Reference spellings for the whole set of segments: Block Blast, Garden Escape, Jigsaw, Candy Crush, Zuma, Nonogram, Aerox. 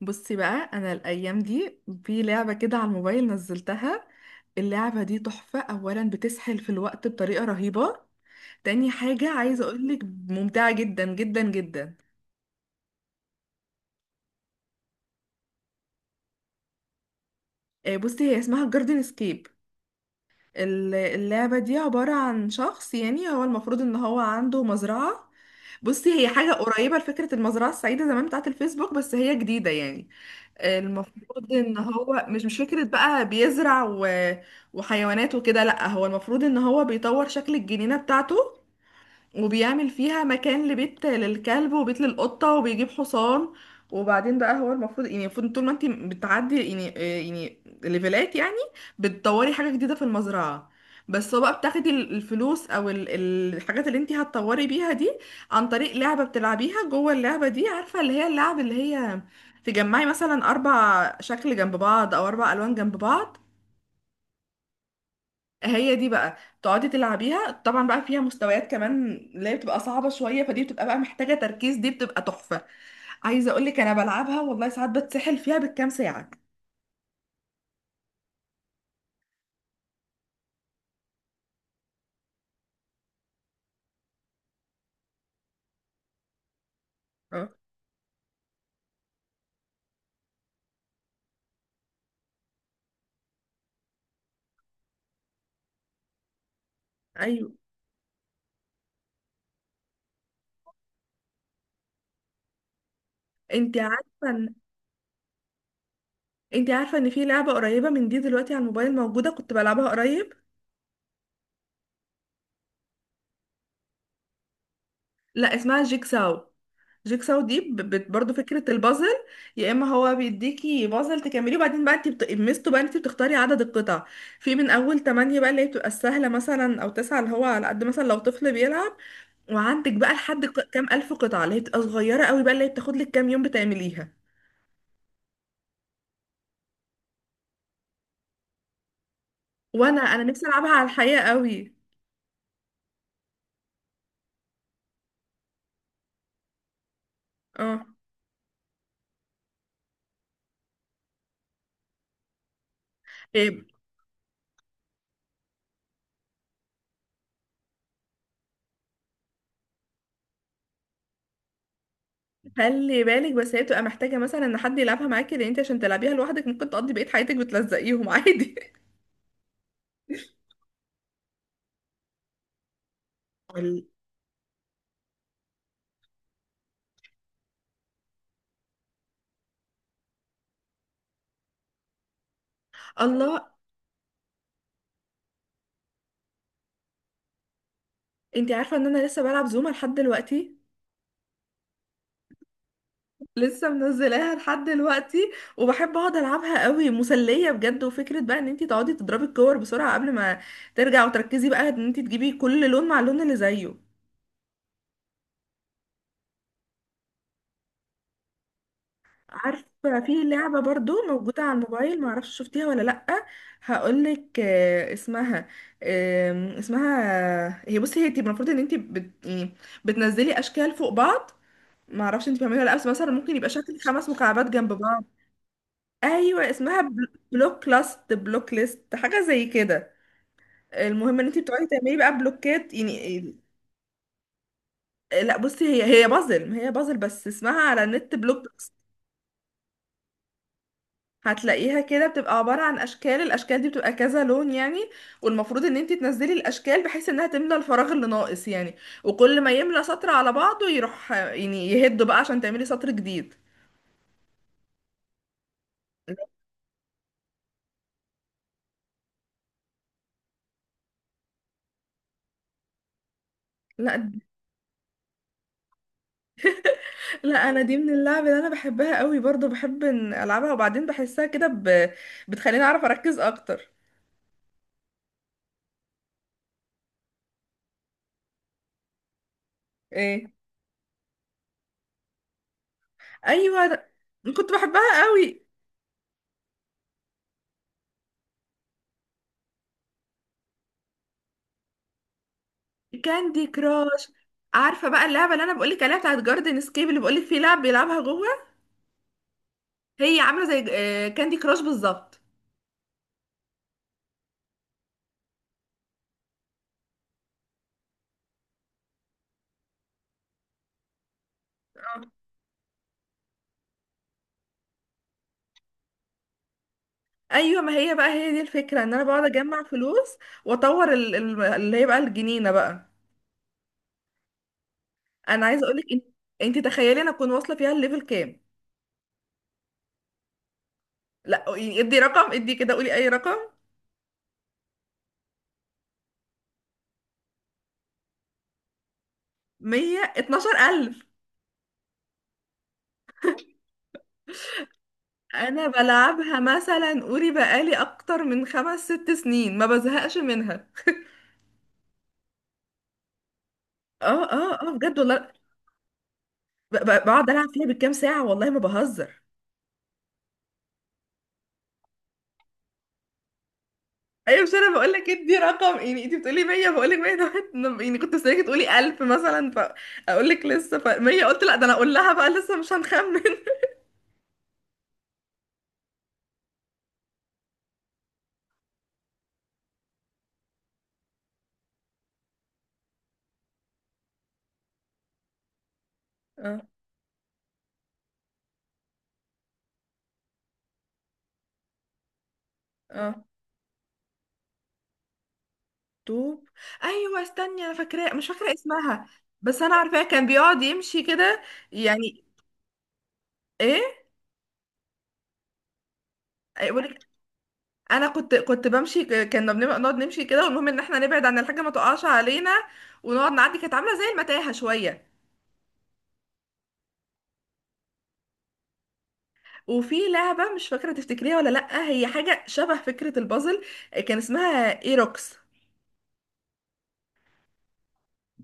بصي بقى انا الايام دي في لعبه كده على الموبايل نزلتها. اللعبه دي تحفه. اولا بتسحل في الوقت بطريقه رهيبه. تاني حاجه عايزه اقولك، ممتعه جدا جدا جدا. آه، بصي هي اسمها جاردن اسكيب. اللعبه دي عباره عن شخص، يعني هو المفروض ان هو عنده مزرعه. بصي هي حاجه قريبه لفكره المزرعه السعيده زمان بتاعه الفيسبوك، بس هي جديده يعني. المفروض ان هو مش فكرة بقى بيزرع وحيوانات وكده. لا، هو المفروض ان هو بيطور شكل الجنينة بتاعته، وبيعمل فيها مكان لبيت للكلب وبيت للقطة وبيجيب حصان. وبعدين بقى هو المفروض، يعني المفروض طول ما انت بتعدي يعني، ليفلات يعني بتطوري حاجة جديدة في المزرعة. بس هو بقى بتاخدي الفلوس او الحاجات اللي انت هتطوري بيها دي عن طريق لعبة بتلعبيها جوه اللعبة دي. عارفة اللي هي اللعب اللي هي تجمعي مثلا اربع شكل جنب بعض او اربع الوان جنب بعض. هي دي بقى تقعدي تلعبيها. طبعا بقى فيها مستويات كمان اللي هي بتبقى صعبة شوية، فدي بتبقى بقى محتاجة تركيز، دي بتبقى تحفة. عايزة اقولك انا بلعبها والله ساعات بتسحل فيها بالكام ساعة. اه، ايوه. انت عارفة إن- انت عارفة ان في لعبة قريبة من دي دلوقتي على الموبايل موجودة كنت بلعبها قريب؟ لا، اسمها جيكساو. جيكساو دي برضو فكرة البازل. يا اما هو بيديكي بازل تكمليه وبعدين بقى انت ميزته بقى انت بتختاري عدد القطع. في من اول 8 بقى اللي هي بتبقى السهلة مثلا، او 9 اللي هو على قد مثلا لو طفل بيلعب. وعندك بقى لحد كام الف قطعة اللي هي بتبقى صغيرة قوي بقى اللي هي بتاخد لك كام يوم بتعمليها. وانا نفسي العبها على الحقيقة قوي. اه، إيه، خلي بالك، بس هي بتبقى محتاجة مثلا ان حد يلعبها معاكي، لان انت عشان تلعبيها لوحدك ممكن تقضي بقية حياتك بتلزقيهم عادي. الله. انتي عارفة ان انا لسه بلعب زوما لحد دلوقتي؟ لسه منزلاها لحد دلوقتي وبحب اقعد العبها قوي، مسلية بجد. وفكرة بقى ان انتي تقعدي تضربي الكور بسرعة قبل ما ترجع، وتركزي بقى ان انتي تجيبي كل لون مع اللون اللي زيه. عارفة في لعبة برضو موجودة على الموبايل معرفش شفتيها ولا لأ؟ هقولك، اسمها، اسمها، هي، بصي هي تبقى المفروض ان انتي يعني بتنزلي اشكال فوق بعض. معرفش انتي بتعمليها ولا لأ، بس مثلا ممكن يبقى شكل خمس مكعبات جنب بعض. ايوه، اسمها بلوك لاست، بلوك ليست، حاجه زي كده. المهم ان انت بتقعدي تعملي بقى بلوكات يعني. لا بصي، هي بازل، ما هي بازل، بس اسمها على النت بلوك لاست. هتلاقيها كده بتبقى عباره عن اشكال، الاشكال دي بتبقى كذا لون يعني. والمفروض ان انت تنزلي الاشكال بحيث انها تملى الفراغ اللي ناقص يعني، وكل ما يملى سطر على بعضه يروح يعني يهده بقى عشان تعملي سطر جديد. لا لا، انا دي من اللعب اللي انا بحبها قوي برضو. بحب إن العبها وبعدين بحسها كده بتخليني اعرف اركز اكتر. ايه، ايوه. كنت بحبها قوي. كاندي كراش. عارفه بقى اللعبه اللي انا بقولك عليها بتاعت جاردن سكيب اللي بقولك في لعب بيلعبها جوه؟ هي عامله زي كاندي كراش بالظبط. آه. ايوه ما هي بقى، هي دي الفكره، ان انا بقعد اجمع فلوس واطور اللي هي بقى الجنينه بقى. انا عايزه اقولك انت، انت تخيلي انا اكون واصله فيها الليفل كام؟ لا، ادي رقم، ادي كده، قولي اي رقم. 112,000. أنا بلعبها مثلا، قولي بقالي أكتر من خمس ست سنين ما بزهقش منها. اه اه اه بجد والله. بقعد ألعب فيها بالكام ساعة والله ما بهزر. أيوة، مش أنا بقول لك ادي رقم، يعني أنت بتقولي 100 بقول لك 100، ده يعني كنت مستنيكي تقولي 1000 مثلا فأقول لك لسه ف 100. قلت لا ده أنا أقول لها بقى لسه مش هنخمن. اه اه، طوب. أيوة استني، أنا فاكرة مش فاكرة اسمها. بس أنا عارفاه كان بيقعد يمشي كده يعني. إيه، يقول، انا كنت بمشي، كنا بنبقى نقعد نمشي كده، والمهم ان احنا نبعد عن الحاجه ما تقعش علينا، ونقعد نعدي. كانت عامله زي المتاهه شويه. وفي لعبه مش فاكره تفتكريها ولا لا، هي حاجه شبه فكره البازل، كان اسمها ايروكس.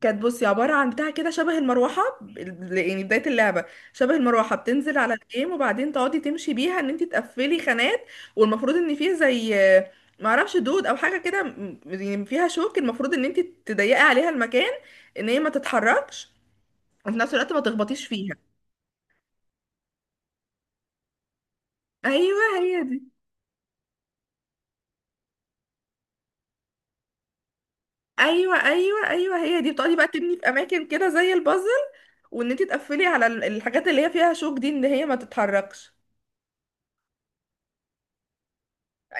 كانت، بصي، عباره عن بتاع كده شبه المروحه. يعني بدايه اللعبه شبه المروحه بتنزل على الجيم، وبعدين تقعدي تمشي بيها ان انت تقفلي خانات. والمفروض ان فيه زي، معرفش دود او حاجه كده، يعني فيها شوك، المفروض ان انت تضيقي عليها المكان، ان هي ما تتحركش، وفي نفس الوقت ما تخبطيش فيها. ايوه هي دي. ايوه ايوه ايوه، هي دي. بتقعدي بقى تبني في اماكن كده زي البازل، وان انت تقفلي على الحاجات اللي هي فيها شوك دي ان هي ما تتحركش.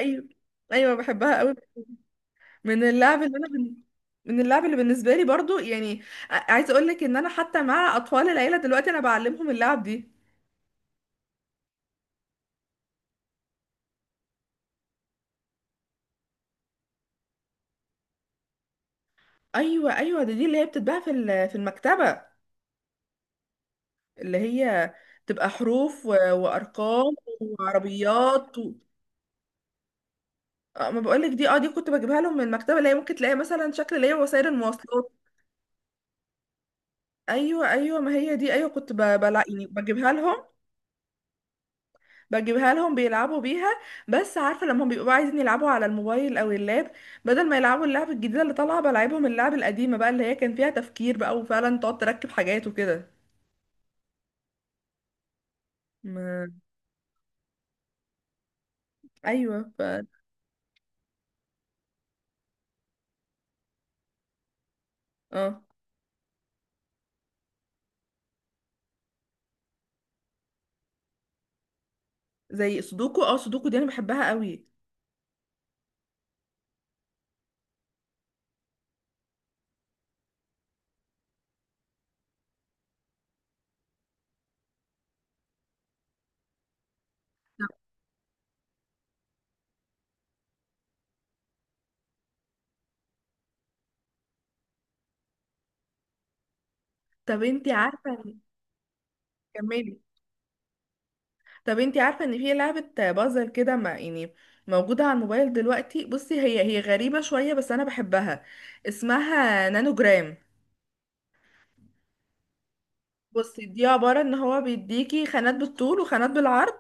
ايوه، ايوه بحبها قوي. من اللعب اللي انا من اللعب اللي بالنسبه لي برضو يعني. عايزه اقول لك ان انا حتى مع اطفال العيله دلوقتي انا بعلمهم اللعب دي. ايوه، ايوه دي اللي هي بتتباع في المكتبه، اللي هي تبقى حروف وارقام وعربيات. اه ما بقولك دي، اه دي كنت بجيبها لهم من المكتبه، اللي هي ممكن تلاقي مثلا شكل اللي هي وسائل المواصلات. ايوه ايوه ما هي دي. ايوه كنت بلا يعني بجيبها لهم. بجيبها لهم بيلعبوا بيها. بس عارفه لما بيبقوا عايزين يلعبوا على الموبايل او اللاب، بدل ما يلعبوا اللعب الجديده اللي طالعه بلعبهم اللعب القديمه بقى اللي هي كان فيها تفكير بقى، وفعلا تقعد تركب حاجات وكده. ما، ايوه، ف. اه، زي سودوكو. اه سودوكو دي انا بحبها قوي. طب انتي عارفه. كملي. طب انتي عارفة ان في لعبة بازل كده ما يعني، موجودة على الموبايل دلوقتي؟ بصي، هي غريبة شوية بس انا بحبها. اسمها نانوجرام. بصي دي عبارة ان هو بيديكي خانات بالطول وخانات بالعرض.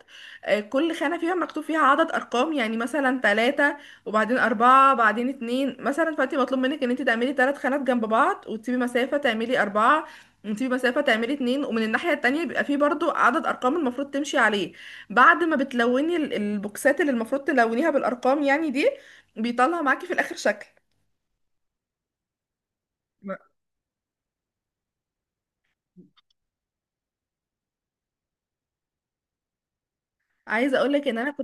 كل خانة فيها مكتوب فيها عدد ارقام، يعني مثلا تلاتة وبعدين اربعة بعدين اتنين مثلا. فانت مطلوب منك ان انت تعملي تلات خانات جنب بعض وتسيبي مسافة تعملي اربعة، وتسيبي مسافة تعملي اتنين، ومن الناحية التانية بيبقى فيه برضو عدد ارقام المفروض تمشي عليه. بعد ما بتلوني البوكسات اللي المفروض تلونيها بالارقام يعني دي، بيطلع معاكي في الاخر شكل. عايزة اقولك ان انا.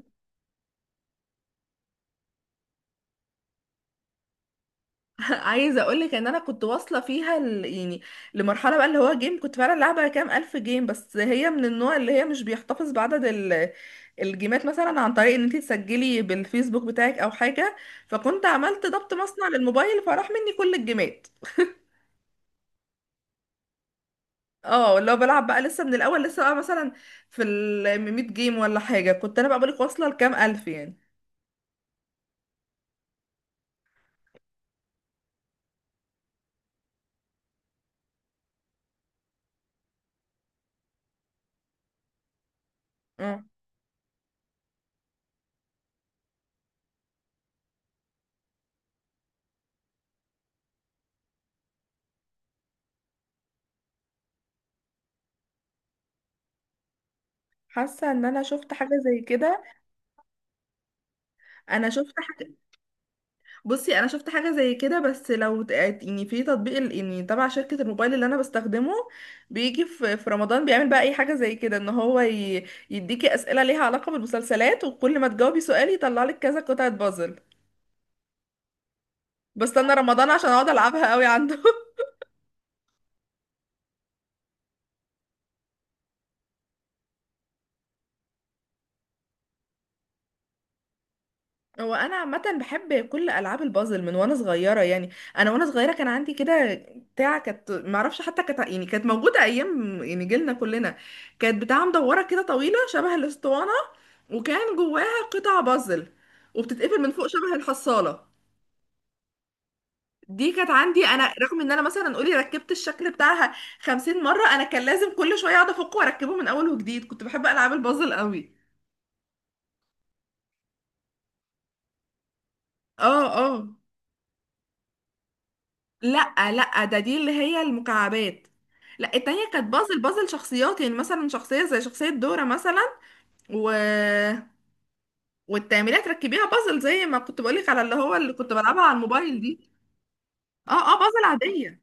عايزه اقول لك ان انا كنت واصله فيها يعني لمرحله بقى اللي هو جيم، كنت فعلا لعبه كام الف جيم. بس هي من النوع اللي هي مش بيحتفظ بعدد الجيمات مثلا عن طريق ان انت تسجلي بالفيسبوك بتاعك او حاجه. فكنت عملت ضبط مصنع للموبايل فراح مني كل الجيمات. اه اللي هو بلعب بقى لسه من الاول، لسه بقى مثلا في ال 100 جيم ولا حاجه، كنت انا بقى بقولك واصله لكام الف يعني. اه، حاسه ان انا شفت حاجه زي كده. انا شفت حاجه. بصي انا شفت حاجه زي كده، بس لو يعني في تطبيق يعني تبع شركه الموبايل اللي انا بستخدمه، بيجي في رمضان بيعمل بقى اي حاجه زي كده، ان هو يديكي اسئله ليها علاقه بالمسلسلات وكل ما تجاوبي سؤال يطلع لك كذا قطعه بازل. بستنى رمضان عشان اقعد العبها قوي عنده. هو انا عامه بحب كل العاب البازل من وانا صغيره يعني. انا وانا صغيره كان عندي كده بتاع، كانت ما اعرفش حتى كانت، يعني كانت موجوده ايام يعني جيلنا كلنا. كانت بتاع مدوره كده طويله شبه الاسطوانه، وكان جواها قطع بازل، وبتتقفل من فوق شبه الحصاله. دي كانت عندي انا. رغم ان انا مثلا قولي ركبت الشكل بتاعها 50 مره، انا كان لازم كل شويه اقعد افكه واركبه من اول وجديد. كنت بحب العاب البازل قوي. اه اه، لا لا ده، دي اللي هي المكعبات. لا التانية كانت بازل، بازل شخصيات يعني، مثلا شخصية زي شخصية دورة مثلا. و... والتعميرية تركبيها بازل، زي ما كنت بقولك على اللي هو اللي كنت بلعبها على الموبايل دي. اه اه، بازل عادية.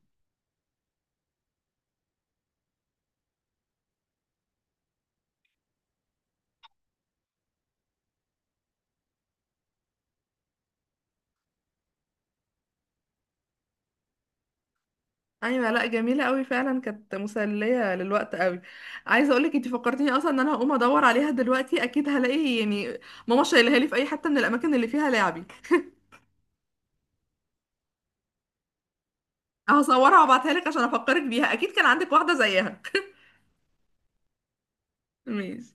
ايوه، لا، جميلة قوي فعلا، كانت مسلية للوقت قوي. عايزة اقولك انت فكرتيني اصلا ان انا هقوم ادور عليها دلوقتي، اكيد هلاقي يعني ماما شايلها لي في اي حتة من الاماكن اللي فيها لعبي. هصورها وابعتها لك عشان افكرك بيها، اكيد كان عندك واحدة زيها. ماشي.